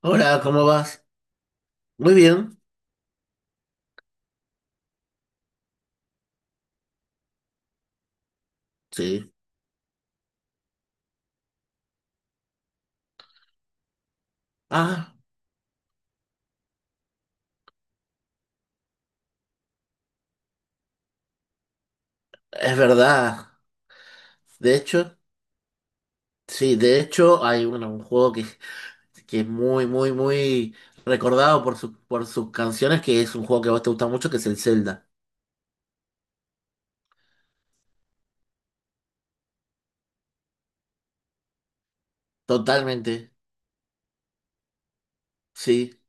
Hola, ¿cómo vas? Muy bien, sí. Ah, es verdad. De hecho, sí, de hecho hay bueno, un juego que, que es muy recordado por sus canciones, que es un juego que a vos te gusta mucho, que es el Zelda. Totalmente, sí,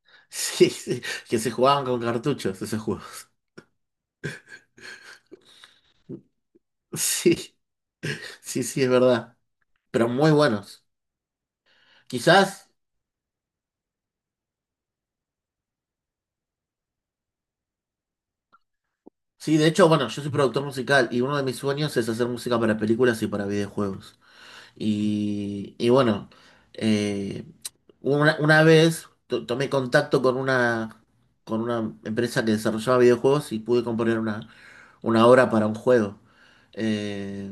sí, sí, que se jugaban con cartuchos esos juegos. Sí, sí, sí, es verdad. Pero muy buenos. Quizás, sí, de hecho, bueno, yo soy productor musical y uno de mis sueños es hacer música para películas y para videojuegos. Y bueno, eh, una vez tomé contacto con una empresa que desarrollaba videojuegos y pude componer una obra para un juego. Eh,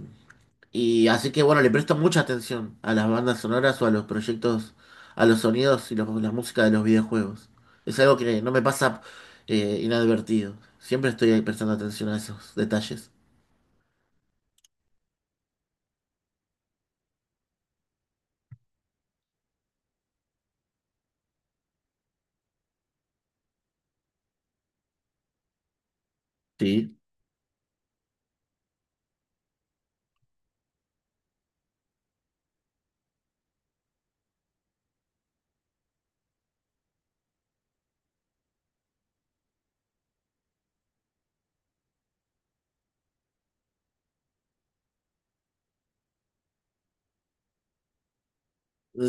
y así que bueno, le presto mucha atención a las bandas sonoras o a los proyectos, a los sonidos y la música de los videojuegos. Es algo que no me pasa inadvertido. Siempre estoy ahí prestando atención a esos detalles. Sí.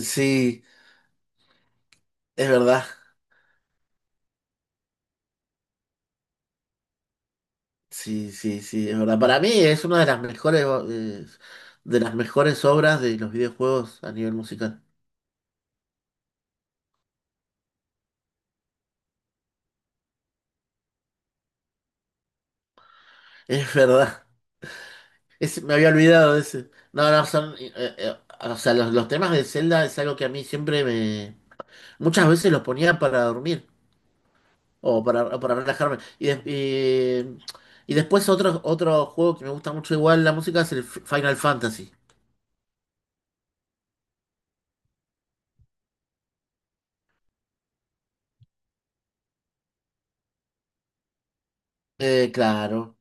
Sí, es verdad. Sí, sí, sí, es verdad. Para mí es una eh, de las mejores obras de los videojuegos a nivel musical. Es verdad. Es- me había olvidado de ese. No, no, son. Eh, o sea, los temas de Zelda es algo que a mí siempre me. Muchas veces los ponía para dormir o o para relajarme. Y después otro juego que me gusta mucho igual la música es el Final Fantasy. Claro.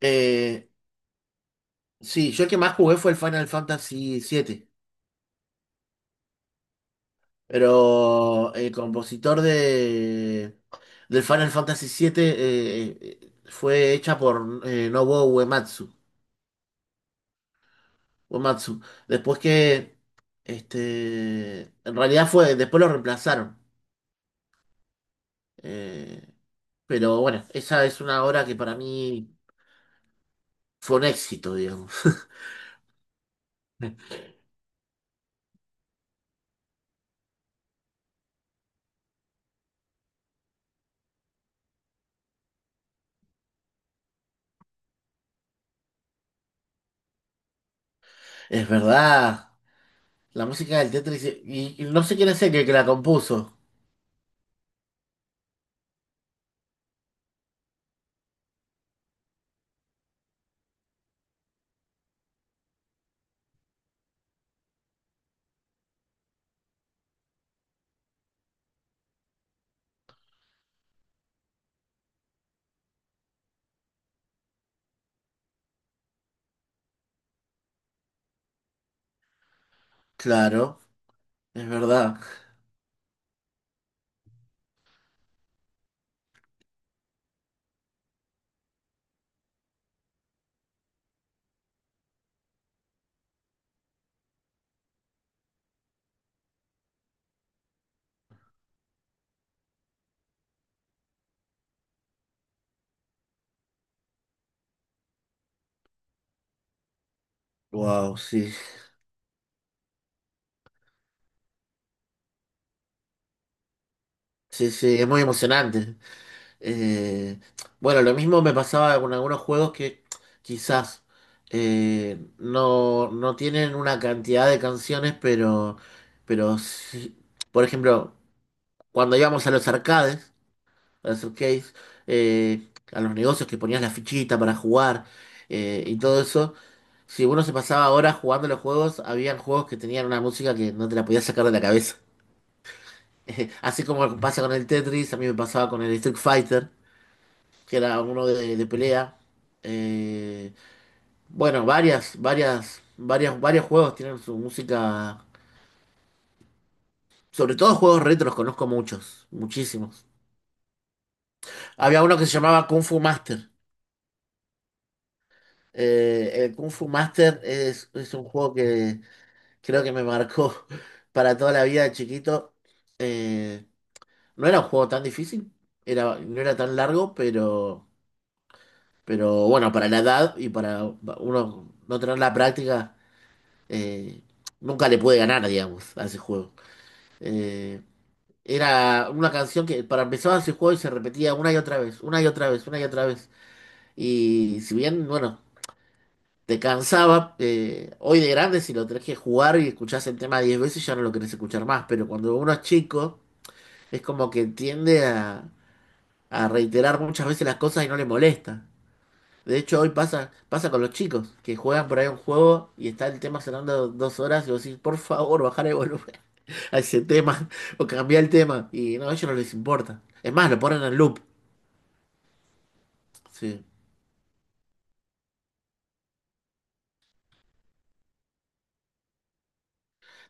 Eh, sí, yo el que más jugué fue el Final Fantasy 7. Pero el compositor de del Final Fantasy 7 fue hecha por Nobuo Uematsu. Uematsu. Después que este, en realidad fue, después lo reemplazaron. Eh, pero bueno, esa es una obra que para mí fue un éxito, digamos. Es verdad. La música del Tetris y no sé quién es el que la compuso. Claro, es verdad. Wow, sí. Sí, sí, es muy emocionante. Eh, bueno, lo mismo me pasaba con algunos juegos que quizás no tienen una cantidad de canciones, pero sí. Por ejemplo, cuando íbamos a los arcades, a los arcades, a los negocios que ponías la fichita para jugar y todo eso, si uno se pasaba horas jugando los juegos, habían juegos que tenían una música que no te la podías sacar de la cabeza. Así como pasa con el Tetris, a mí me pasaba con el Street Fighter, que era uno de pelea. Eh, bueno, varios juegos tienen su música. Sobre todo juegos retros, conozco muchos, muchísimos. Había uno que se llamaba Kung Fu Master. El Kung Fu Master es un juego que creo que me marcó para toda la vida de chiquito. Eh, no era un juego tan difícil, no era tan largo, pero bueno, para la edad y para uno no tener la práctica eh, nunca le pude ganar, digamos, a ese juego. Eh, era una canción que para empezar ese juego y se repetía una y otra vez, una y otra vez, una y otra vez. Y si bien, bueno, te cansaba, hoy de grande si lo tenés que jugar y escuchás el tema 10 veces ya no lo querés escuchar más, pero cuando uno es chico es como que tiende a reiterar muchas veces las cosas y no le molesta. De hecho, hoy pasa, pasa con los chicos que juegan por ahí un juego y está el tema sonando 2 horas y vos decís, por favor, bajar el volumen a ese tema o cambiar el tema. Y no, a ellos no les importa. Es más, lo ponen en loop. Sí.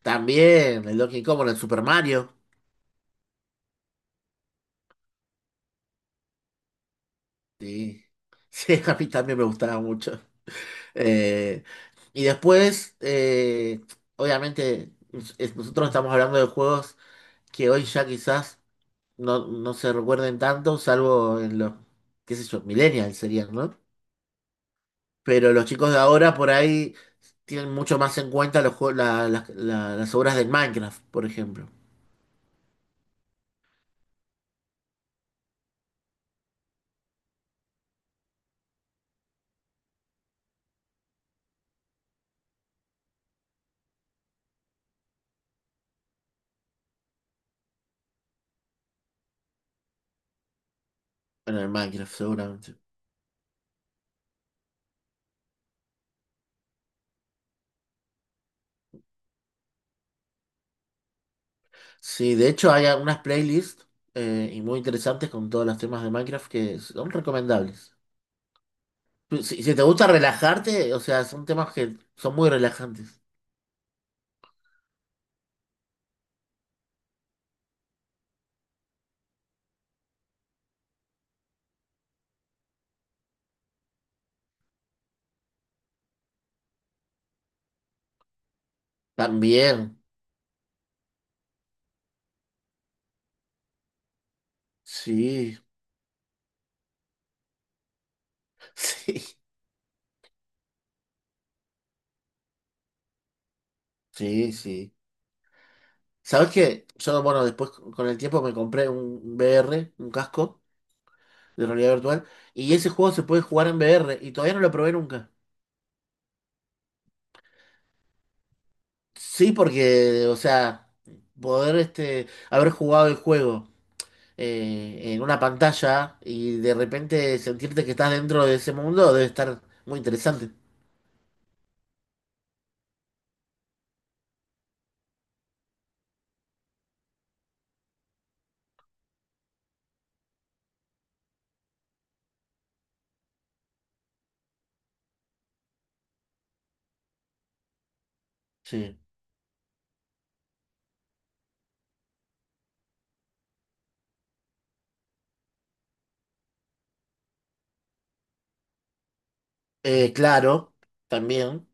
También el Donkey Kong, el Super Mario. Sí. Sí, a mí también me gustaba mucho. Eh, y después, obviamente, nosotros estamos hablando de juegos que hoy ya quizás no se recuerden tanto, salvo en los, qué sé yo, millennials serían, ¿no? Pero los chicos de ahora por ahí tienen mucho más en cuenta los jue- la- las obras del Minecraft, por ejemplo. Bueno, el Minecraft seguramente. Sí, de hecho hay algunas playlists muy interesantes con todos los temas de Minecraft que son recomendables. Si, si te gusta relajarte, o sea, son temas que son muy relajantes. También, sí, sí, sí, sí. ¿Sabes qué? Yo, bueno, después con el tiempo me compré un VR, un casco de realidad virtual, y ese juego se puede jugar en VR y todavía no lo probé nunca. Sí, porque, o sea, poder este, haber jugado el juego en una pantalla y de repente sentirte que estás dentro de ese mundo debe estar muy interesante. Sí. Claro, también.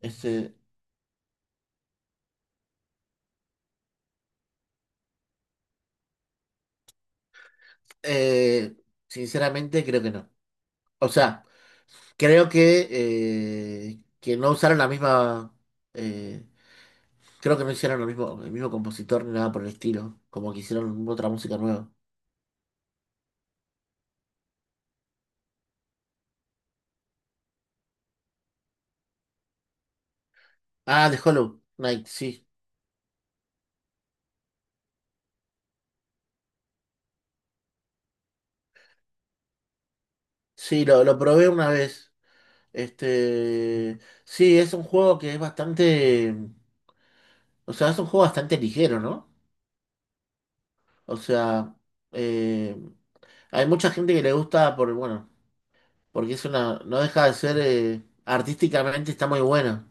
Este, eh, sinceramente creo que no. O sea. Creo que no usaron la misma. eh, creo que no hicieron lo mismo, el mismo compositor ni nada por el estilo. Como que hicieron otra música nueva. Ah, The Hollow Knight, sí. Sí, lo probé una vez. Este. Sí, es un juego que es bastante. O sea, es un juego bastante ligero, ¿no? O sea. eh, hay mucha gente que le gusta por, bueno, porque es una, no deja de ser, artísticamente está muy bueno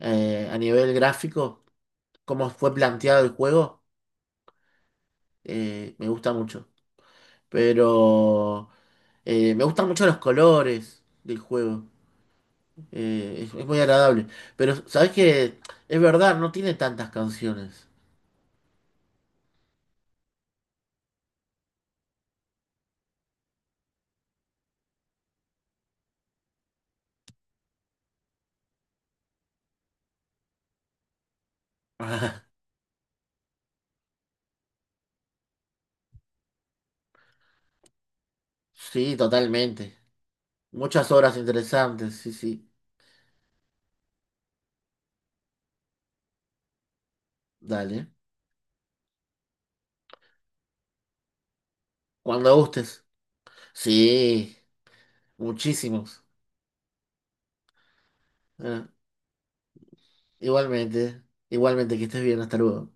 a nivel gráfico. Cómo fue planteado el juego, me gusta mucho. Pero me gustan mucho los colores del juego. Es muy agradable. Pero sabes que es verdad, no tiene tantas canciones. Sí, totalmente. Muchas obras interesantes, sí, sí. Dale. Cuando gustes. Sí, muchísimos. Eh, igualmente, igualmente, que estés bien, hasta luego.